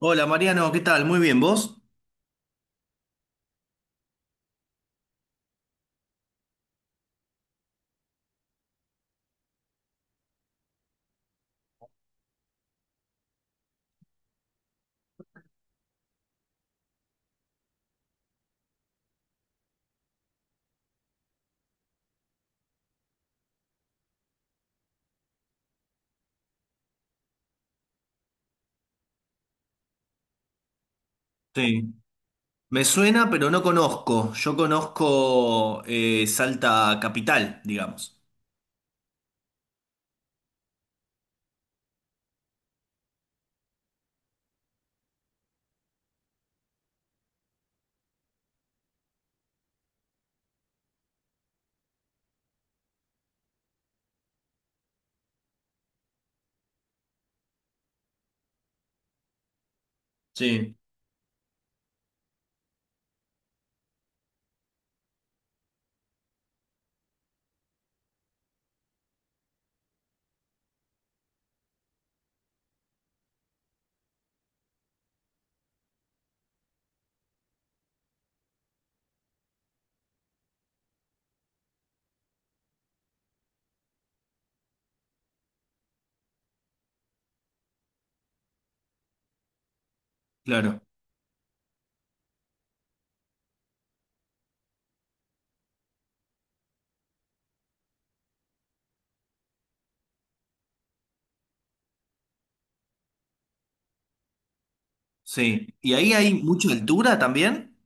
Hola Mariano, ¿qué tal? Muy bien, ¿vos? Sí, me suena, pero no conozco. Yo conozco Salta Capital, digamos. Sí. Claro, sí. ¿Y ahí hay mucha altura también?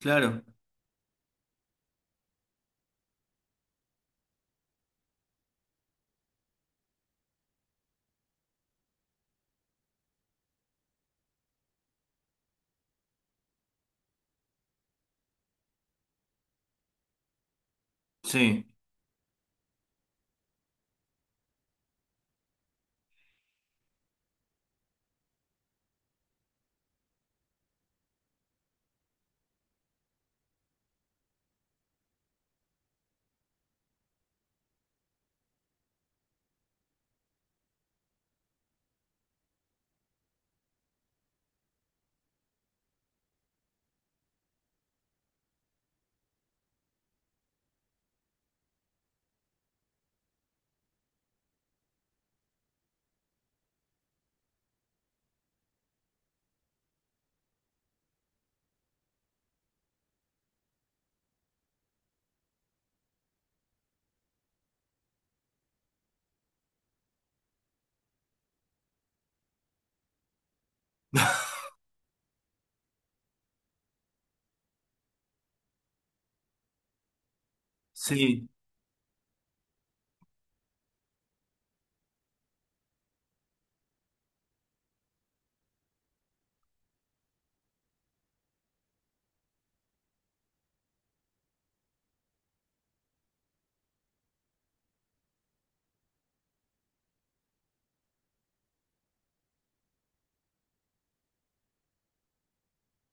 Claro, sí, sí,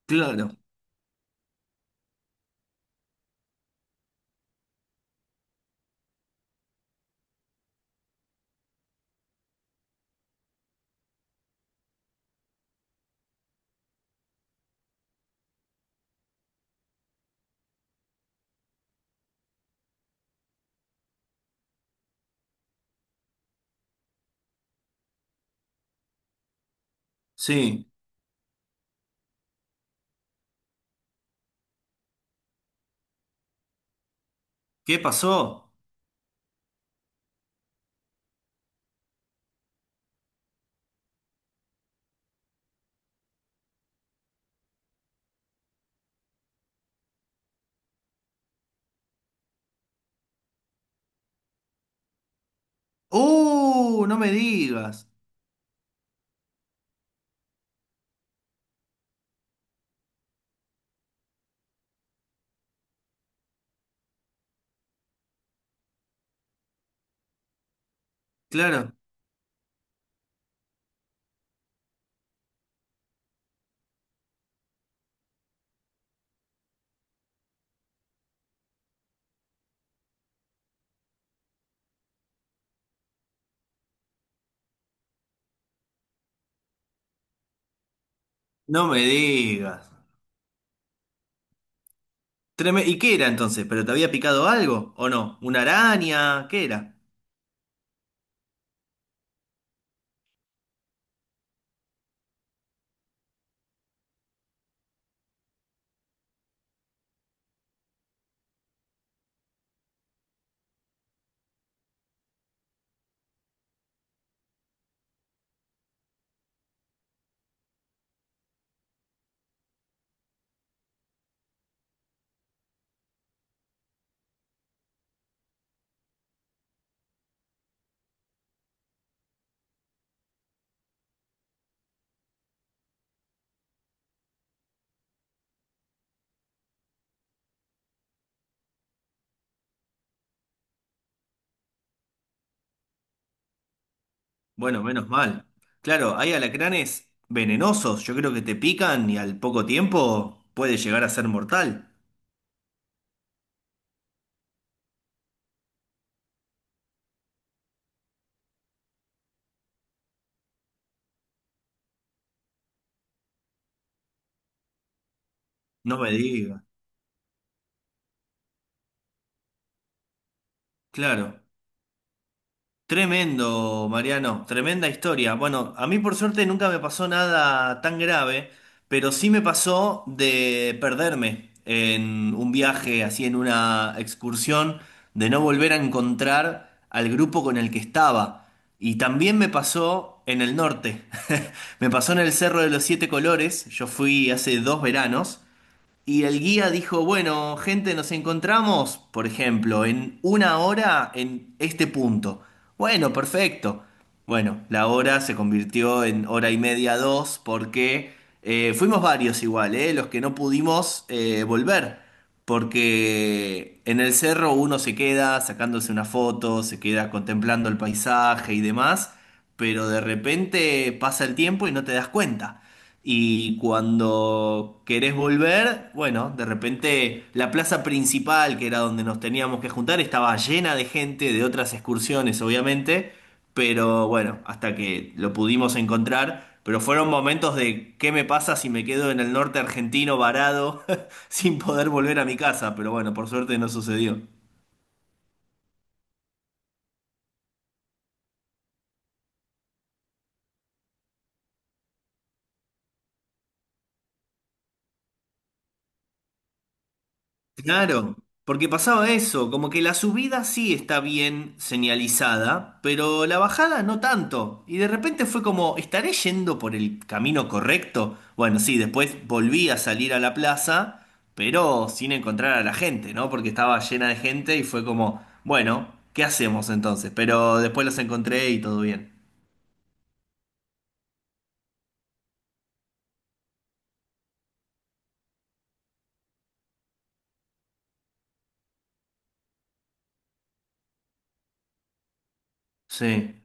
claro, sí. ¿Qué pasó? ¡Uh! No me digas. Claro, no me digas. ¿Y qué era entonces? ¿Pero te había picado algo o no? ¿Una araña? ¿Qué era? Bueno, menos mal. Claro, hay alacranes venenosos. Yo creo que te pican y al poco tiempo puede llegar a ser mortal. No me digas. Claro. Tremendo, Mariano. Tremenda historia. Bueno, a mí por suerte nunca me pasó nada tan grave, pero sí me pasó de perderme en un viaje, así en una excursión, de no volver a encontrar al grupo con el que estaba. Y también me pasó en el norte. Me pasó en el Cerro de los Siete Colores, yo fui hace dos veranos, y el guía dijo, bueno, gente, nos encontramos, por ejemplo, en una hora en este punto. Bueno, perfecto. Bueno, la hora se convirtió en hora y media, dos, porque fuimos varios igual, los que no pudimos volver, porque en el cerro uno se queda sacándose una foto, se queda contemplando el paisaje y demás, pero de repente pasa el tiempo y no te das cuenta. Y cuando querés volver, bueno, de repente la plaza principal, que era donde nos teníamos que juntar, estaba llena de gente de otras excursiones, obviamente, pero bueno, hasta que lo pudimos encontrar. Pero fueron momentos de qué me pasa si me quedo en el norte argentino varado sin poder volver a mi casa. Pero bueno, por suerte no sucedió. Claro, porque pasaba eso, como que la subida sí está bien señalizada, pero la bajada no tanto. Y de repente fue como, ¿estaré yendo por el camino correcto? Bueno, sí, después volví a salir a la plaza, pero sin encontrar a la gente, ¿no? Porque estaba llena de gente y fue como, bueno, ¿qué hacemos entonces? Pero después los encontré y todo bien. Sí,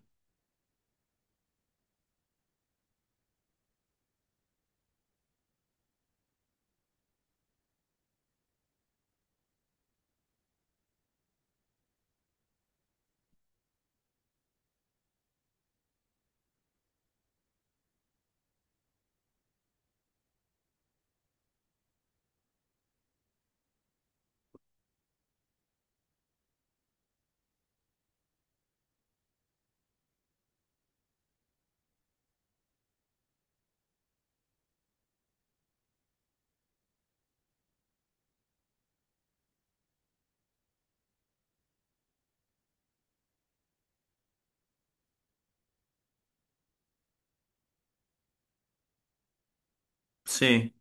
sí,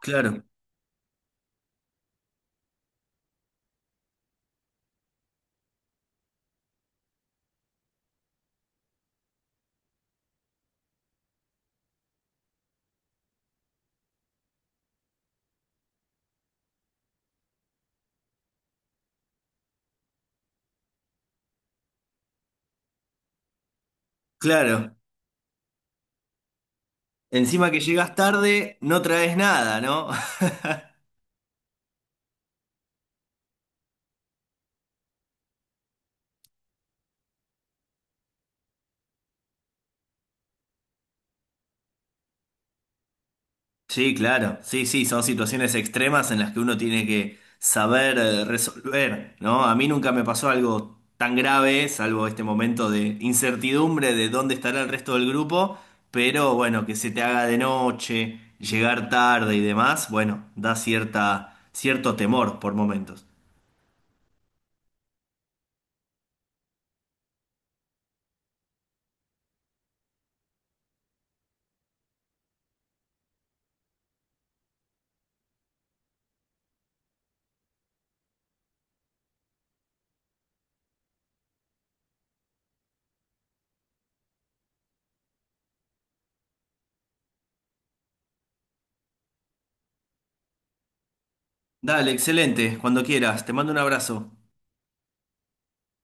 claro, claro. Encima que llegas tarde, no traes nada, ¿no? Sí, claro, sí, sí, son situaciones extremas en las que uno tiene que saber resolver, ¿no? A mí nunca me pasó algo tan grave, salvo este momento de incertidumbre de dónde estará el resto del grupo, pero bueno, que se te haga de noche, llegar tarde y demás, bueno, da cierta, cierto temor por momentos. Dale, excelente, cuando quieras, te mando un abrazo.